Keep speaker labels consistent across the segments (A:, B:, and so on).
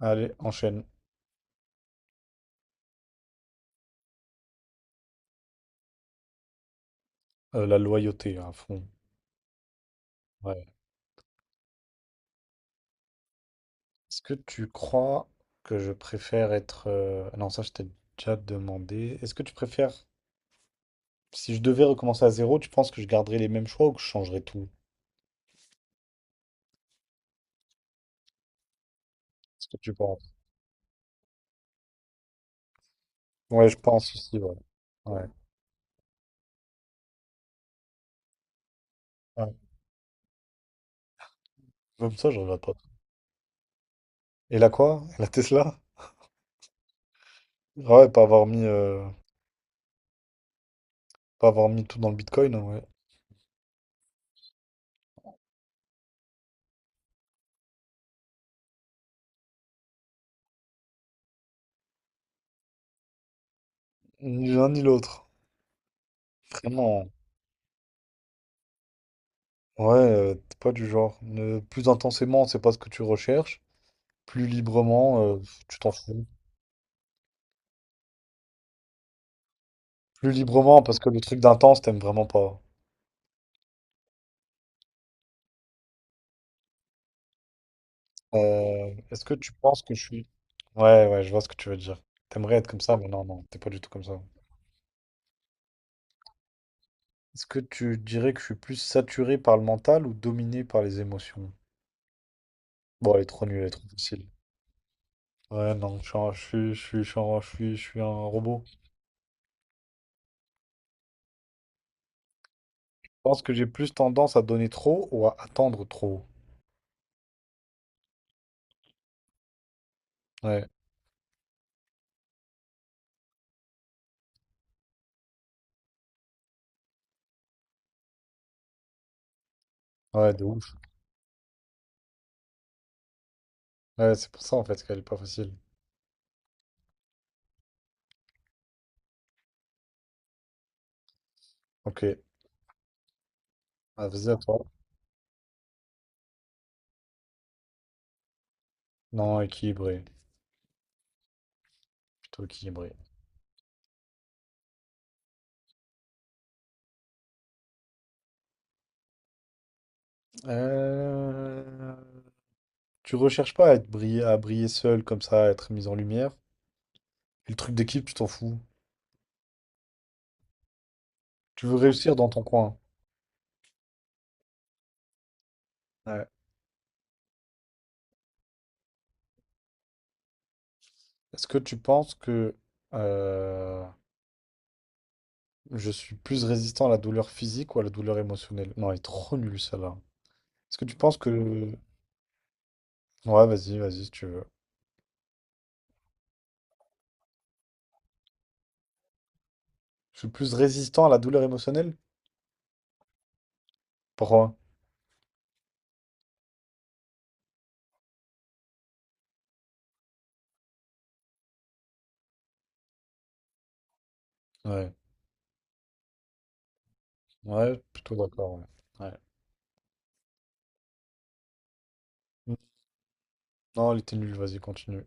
A: Allez, enchaîne. La loyauté à fond. Ouais. Est-ce que tu crois que je préfère être... Non, ça, je t'ai déjà demandé. Est-ce que tu préfères... Si je devais recommencer à zéro, tu penses que je garderais les mêmes choix ou que je changerais tout? Ce que tu penses. Ouais, je pense aussi, ouais. Ouais. Ouais. Même ça, je regrette pas. Et la quoi? Et la Tesla? Ah ouais, pas avoir pas avoir mis tout dans le Bitcoin, hein, ouais. Ni l'un ni l'autre. Vraiment. Ouais, t'es pas du genre. Plus intensément, c'est pas ce que tu recherches. Plus librement, euh, Tu t'en fous. Plus librement, parce que le truc d'intense, t'aimes vraiment pas. Est-ce que tu penses que je suis... Ouais, ouais, je vois ce que tu veux dire. T'aimerais être comme ça, mais non, non, t'es pas du tout comme ça. Est-ce que tu dirais que je suis plus saturé par le mental ou dominé par les émotions? Bon, elle est trop nulle, elle est trop facile. Ouais, non, je suis, je suis, je suis, je suis un robot. Je pense que j'ai plus tendance à donner trop ou à attendre trop. Ouais, ouais, de ouf. Ouais, c'est pour ça en fait qu'elle est pas facile. Ok, Ah, vas-y à toi. Non, équilibré. Tout équilibré. Euh, Tu recherches pas à briller seul comme ça, à être mis en lumière. Et le truc d'équipe, tu t'en fous. Tu veux réussir dans ton coin. Ouais. Est-ce que tu penses que euh, je suis plus résistant à la douleur physique ou à la douleur émotionnelle? Non, il est trop nul celle-là. Est-ce que tu penses que... Ouais, vas-y, vas-y, si tu veux. Je suis plus résistant à la douleur émotionnelle? Pourquoi? Ouais. Ouais, plutôt d'accord. Ouais. Ouais. Non, il était nul, vas-y, continue.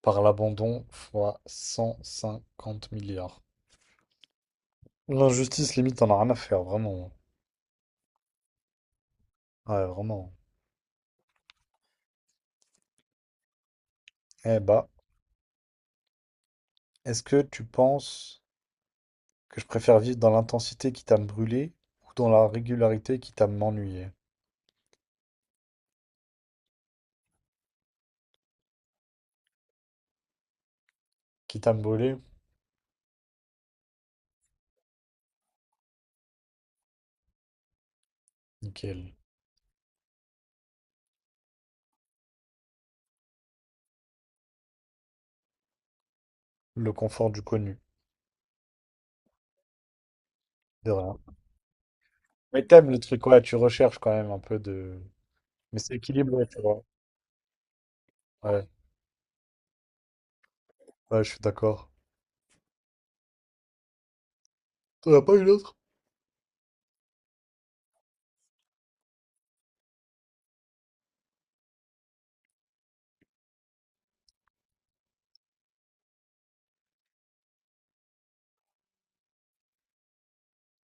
A: Par l'abandon fois 150 milliards. L'injustice, limite, t'en as rien à faire, vraiment. Ouais, vraiment. Eh bah, est-ce que tu penses que je préfère vivre dans l'intensité qui t'a me brûlé ou dans la régularité qui t'a m'ennuyé? Qui t'a me brûlé? Nickel. Le confort du connu, de rien. Mais t'aimes le truc, ouais, tu recherches quand même un peu de... Mais c'est équilibré, tu vois. Ouais, ouais, je suis d'accord. T'en as pas une autre?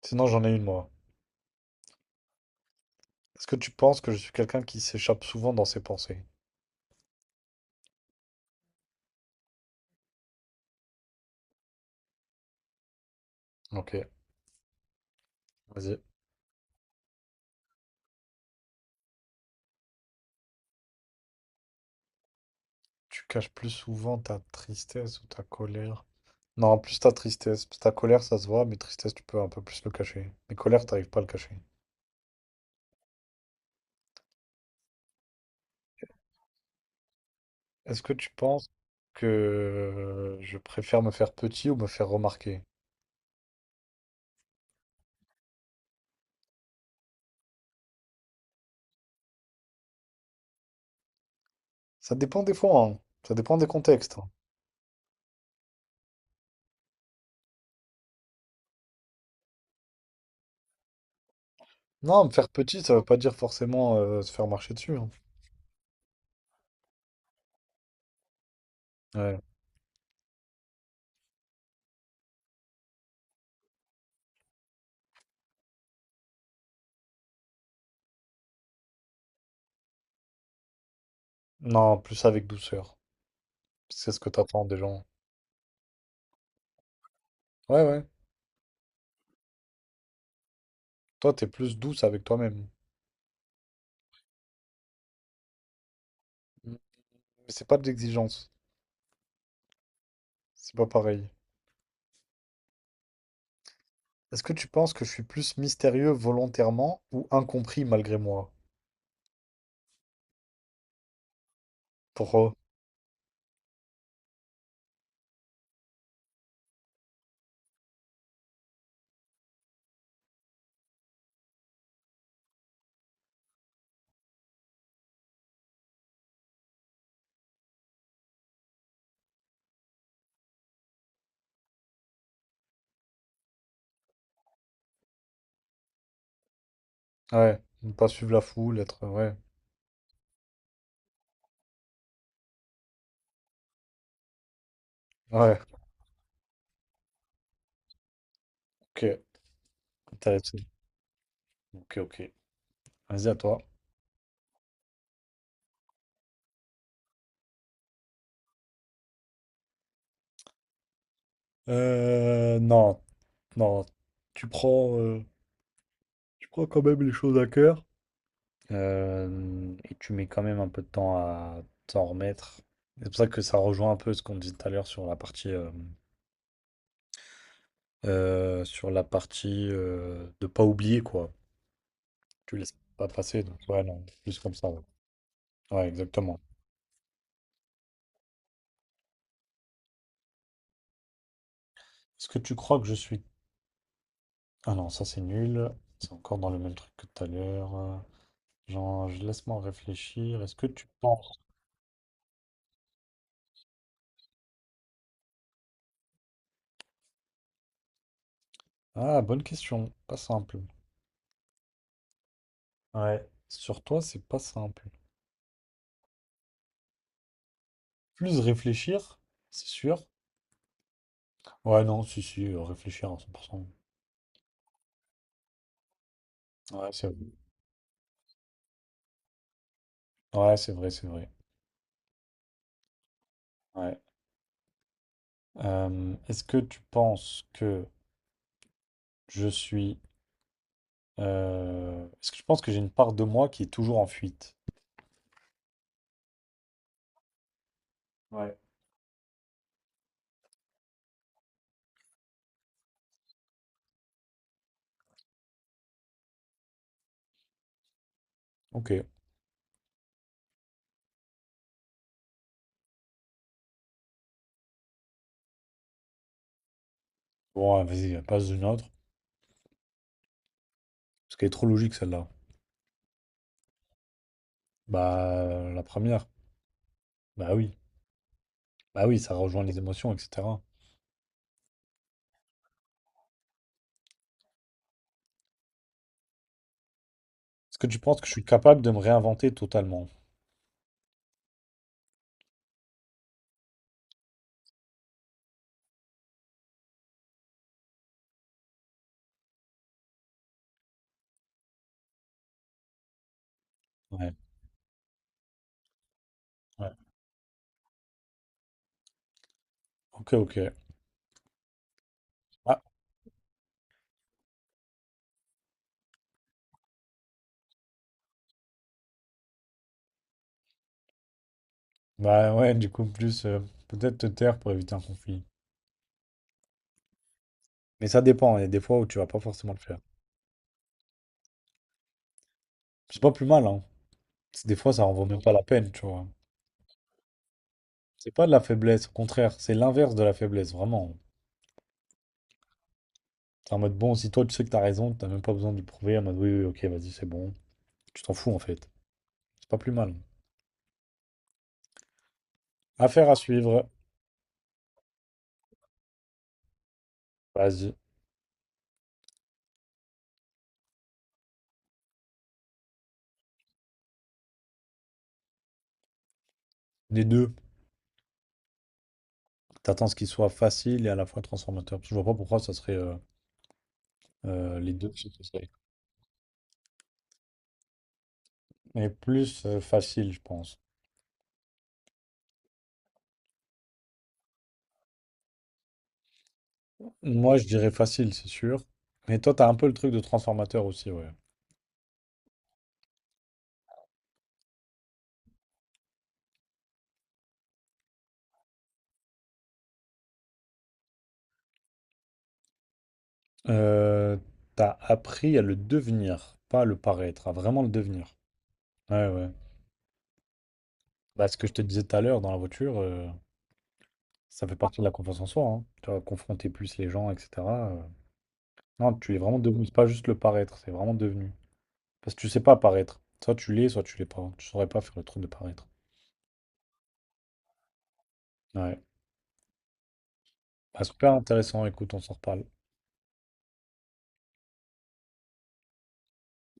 A: Sinon, j'en ai une, moi. Est-ce que tu penses que je suis quelqu'un qui s'échappe souvent dans ses pensées? Ok, vas-y. Tu caches plus souvent ta tristesse ou ta colère. Non, plus ta tristesse. Parce que ta colère, ça se voit, mais tristesse, tu peux un peu plus le cacher. Mais colère, t'arrives pas à le cacher. Est-ce que tu penses que je préfère me faire petit ou me faire remarquer? Ça dépend des fois, hein. Ça dépend des contextes, hein. Non, me faire petit, ça veut pas dire forcément se faire marcher dessus, hein. Ouais. Non, plus avec douceur. C'est ce que t'attends des gens. Ouais, ouais. Toi, t'es plus douce avec toi-même. Mais c'est pas de l'exigence. C'est pas pareil. Est-ce que tu penses que je suis plus mystérieux volontairement ou incompris malgré moi? Pourquoi? Ouais, ne pas suivre la foule, Ouais, ouais, ok, intéressant. Ok, ok, vas-y à toi. Euh, non, non, tu tu prends quand même les choses à cœur. Et tu mets quand même un peu de temps à t'en remettre. C'est pour ça que ça rejoint un peu ce qu'on disait tout à l'heure sur la partie de pas oublier, quoi. Tu laisses pas passer, donc ouais, non, plus comme ça, ouais. Ouais, exactement. Est-ce que tu crois que je suis... Ah non, ça c'est nul. C'est encore dans le même truc que tout à l'heure. Genre, je laisse-moi réfléchir. Est-ce que tu penses... Ah, bonne question. Pas simple. Ouais. Sur toi, c'est pas simple. Plus réfléchir, c'est sûr. Ouais, non, si, si, réfléchir à 100%. Ouais, c'est vrai. Ouais, c'est vrai, c'est vrai. Ouais. Est-ce que tu penses que je suis... Est-ce que tu penses que j'ai une part de moi qui est toujours en fuite? Ouais. Ok. Bon, ah, vas-y, passe une autre. Parce qu'elle est trop logique celle-là. Bah, la première. Bah oui. Bah oui, ça rejoint les émotions, etc. Est-ce que tu penses que je suis capable de me réinventer totalement? Ouais. Ouais. Ok, ok. Ah, bah ouais, du coup, plus peut-être te taire pour éviter un conflit. Mais ça dépend. Il y a des fois où tu vas pas forcément le faire. C'est pas plus mal, hein. Parce des fois, ça en vaut même pas la peine, tu vois. C'est pas de la faiblesse, au contraire, c'est l'inverse de la faiblesse, vraiment. C'est en mode bon, si toi tu sais que t'as raison, t'as même pas besoin de le prouver, en mode oui, oui, ok, vas-y, c'est bon. Tu t'en fous en fait. C'est pas plus mal. Affaire à suivre. Vas-y. Les deux. T'attends ce qu'il soit facile et à la fois transformateur. Parce que je vois pas pourquoi ça serait les deux qui seraient. Mais plus facile, je pense. Moi, je dirais facile, c'est sûr. Mais toi, t'as un peu le truc de transformateur aussi, ouais. Euh, t'as appris à le devenir, pas à le paraître, à vraiment le devenir. Ouais, ouais. Bah, ce que je te disais tout à l'heure dans la voiture, ça fait partie de la confiance en soi, hein. Tu vas confronter plus les gens, etc, euh. Non, tu es vraiment devenu. C'est pas juste le paraître, c'est vraiment devenu. Parce que tu sais pas paraître. Soit tu l'es pas. Tu saurais pas faire le truc de paraître. Ouais. Bah, super intéressant. Écoute, on s'en reparle.